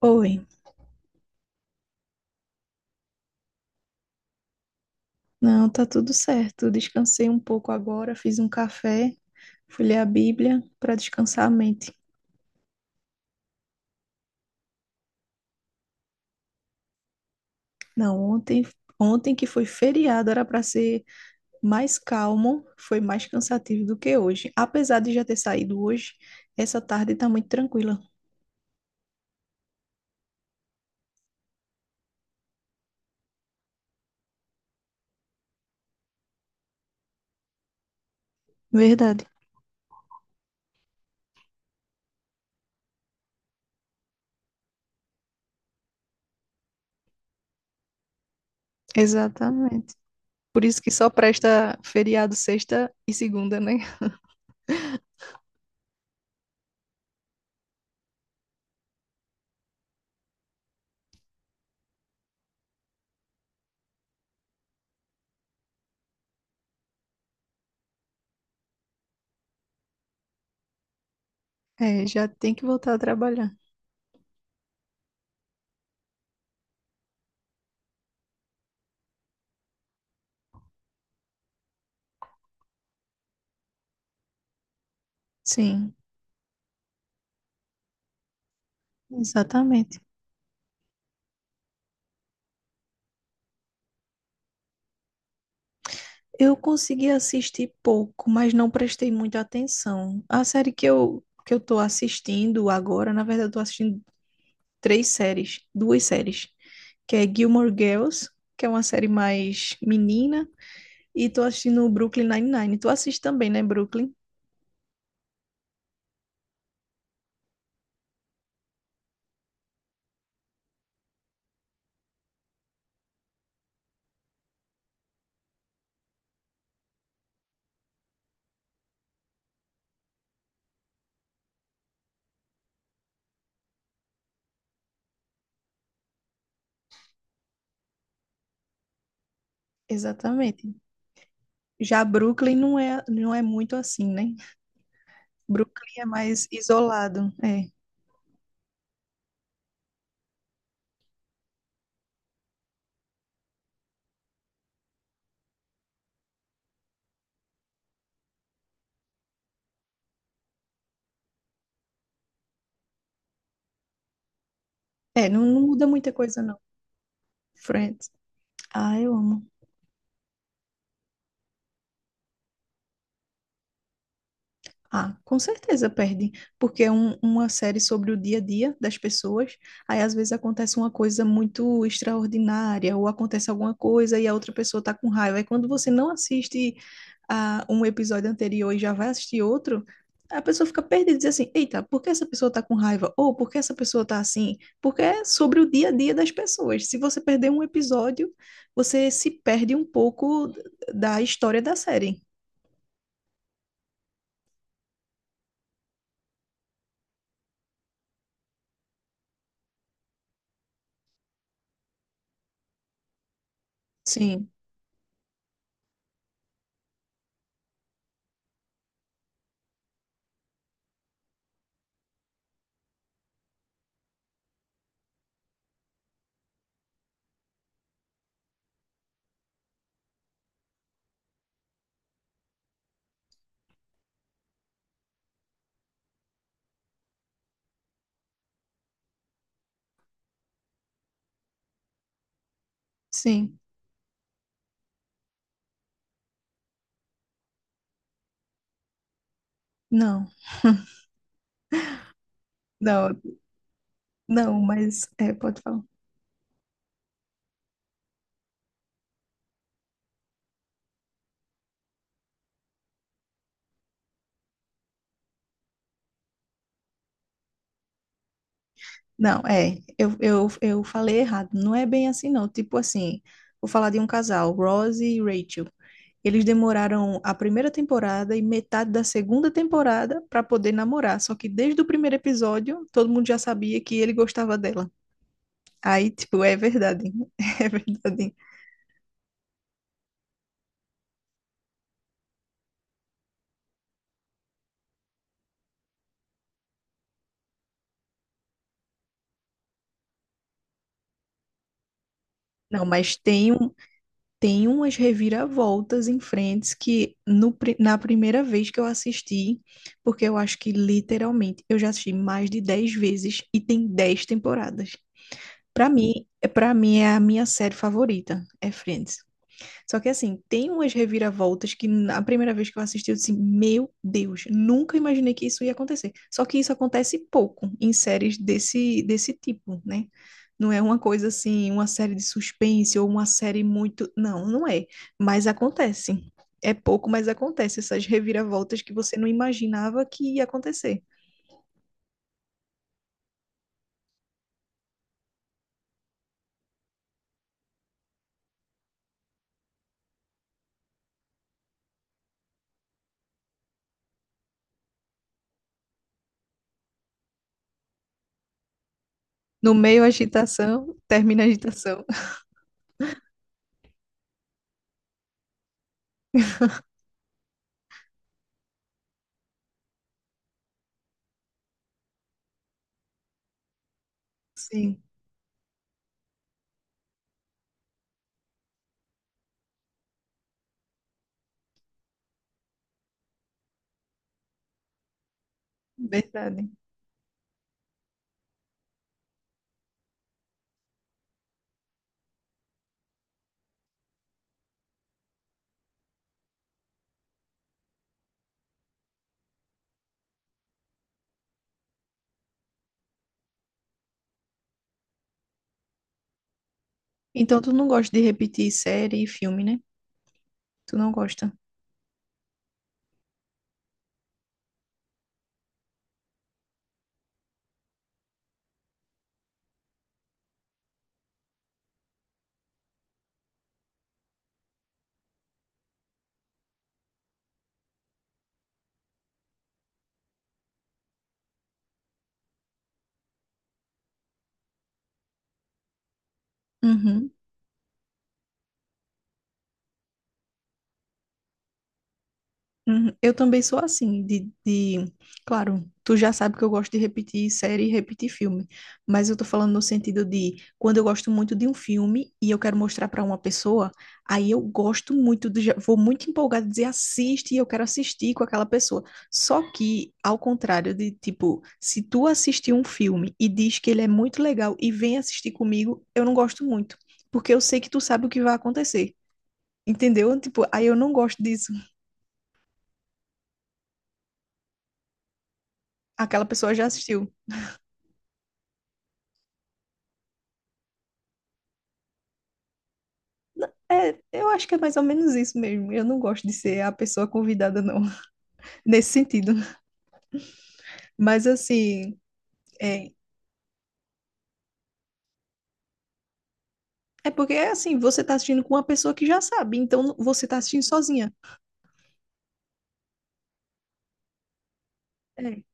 Oi, não, tá tudo certo. Descansei um pouco agora, fiz um café, fui ler a Bíblia para descansar a mente. Não, ontem, ontem que foi feriado, era para ser mais calmo, foi mais cansativo do que hoje. Apesar de já ter saído hoje, essa tarde tá muito tranquila. Verdade, exatamente. Por isso que só presta feriado sexta e segunda, né? É, já tem que voltar a trabalhar. Sim, exatamente. Eu consegui assistir pouco, mas não prestei muita atenção. A série que eu tô assistindo agora, na verdade, eu tô assistindo três séries, duas séries, que é Gilmore Girls, que é uma série mais menina, e tô assistindo Brooklyn Nine-Nine. Tu assiste também, né, Brooklyn? Exatamente. Já Brooklyn não é muito assim, né? Brooklyn é mais isolado, é. É, não, não muda muita coisa não. Friends. Ah, eu amo. Ah, com certeza perde, porque é uma série sobre o dia a dia das pessoas. Aí às vezes acontece uma coisa muito extraordinária, ou acontece alguma coisa e a outra pessoa tá com raiva. Aí quando você não assiste a um episódio anterior e já vai assistir outro, a pessoa fica perdida e diz assim: Eita, por que essa pessoa tá com raiva? Ou por que essa pessoa tá assim? Porque é sobre o dia a dia das pessoas. Se você perder um episódio, você se perde um pouco da história da série. Sim, sim. Não. Não, não, mas é, pode falar. Não, é, eu falei errado. Não é bem assim, não. Tipo assim, vou falar de um casal, Ross e Rachel. Eles demoraram a primeira temporada e metade da segunda temporada para poder namorar. Só que desde o primeiro episódio, todo mundo já sabia que ele gostava dela. Aí, tipo, é verdade. É verdade. Não, mas tem um. Tem umas reviravoltas em frentes que no, pri- na primeira vez que eu assisti, porque eu acho que literalmente eu já assisti mais de 10 vezes e tem 10 temporadas. Pra mim, é para mim é a minha série favorita, é Friends. Só que assim, tem umas reviravoltas que na primeira vez que eu assisti, eu disse, assim, meu Deus, nunca imaginei que isso ia acontecer. Só que isso acontece pouco em séries desse tipo, né? Não é uma coisa assim, uma série de suspense ou uma série muito. Não, não é. Mas acontece. É pouco, mas acontece essas reviravoltas que você não imaginava que ia acontecer. No meio, a agitação, termina a agitação. Sim. Verdade. Então tu não gosta de repetir série e filme, né? Tu não gosta. Uhum. Uhum. Eu também sou assim. Claro, tu já sabe que eu gosto de repetir série e repetir filme, mas eu tô falando no sentido de quando eu gosto muito de um filme e eu quero mostrar pra uma pessoa, aí eu gosto muito, do... já- vou muito empolgada dizer assiste e eu quero assistir com aquela pessoa. Só que, ao contrário de, tipo, se tu assistir um filme e diz que ele é muito legal e vem assistir comigo, eu não gosto muito, porque eu sei que tu sabe o que vai acontecer. Entendeu? Tipo, aí eu não gosto disso. Aquela pessoa já assistiu. É, eu acho que é mais ou menos isso mesmo. Eu não gosto de ser a pessoa convidada, não, nesse sentido. Mas assim, é, é porque é assim, você tá assistindo com uma pessoa que já sabe, então não- você tá assistindo sozinha. É,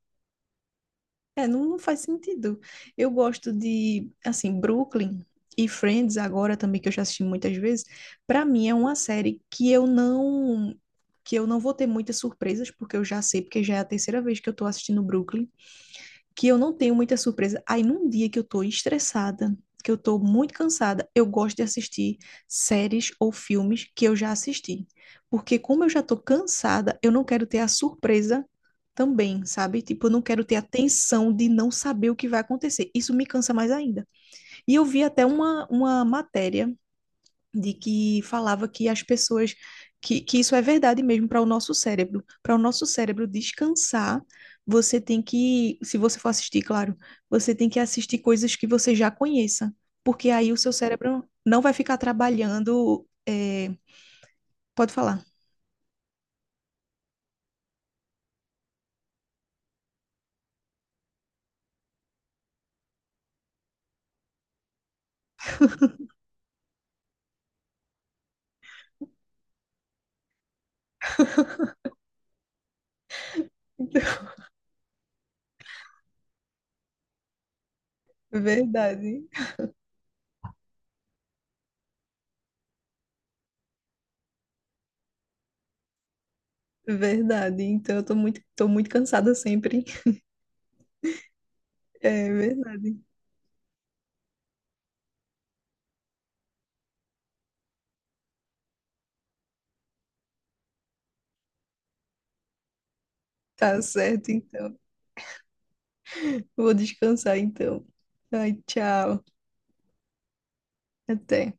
é, não, não faz sentido. Eu gosto de, assim, Brooklyn e Friends agora também, que eu já assisti muitas vezes, pra mim é uma série que eu não vou ter muitas surpresas, porque eu já sei, porque já é a terceira vez que eu tô assistindo Brooklyn. Que eu não tenho muita surpresa. Aí num dia que eu tô estressada, que eu tô muito cansada, eu gosto de assistir séries ou filmes que eu já assisti. Porque como eu já tô cansada, eu não quero ter a surpresa também, sabe? Tipo, eu não quero ter a tensão de não saber o que vai acontecer. Isso me cansa mais ainda. E eu vi até uma matéria de que falava que as pessoas que isso é verdade mesmo para o nosso cérebro. Para o nosso cérebro descansar, você tem que, se você for assistir, claro, você tem que assistir coisas que você já conheça, porque aí o seu cérebro não vai ficar trabalhando. Pode falar. Verdade, verdade. Então eu tô muito cansada sempre. É verdade. Tá certo, então. Vou descansar, então. Ai, tchau. Até.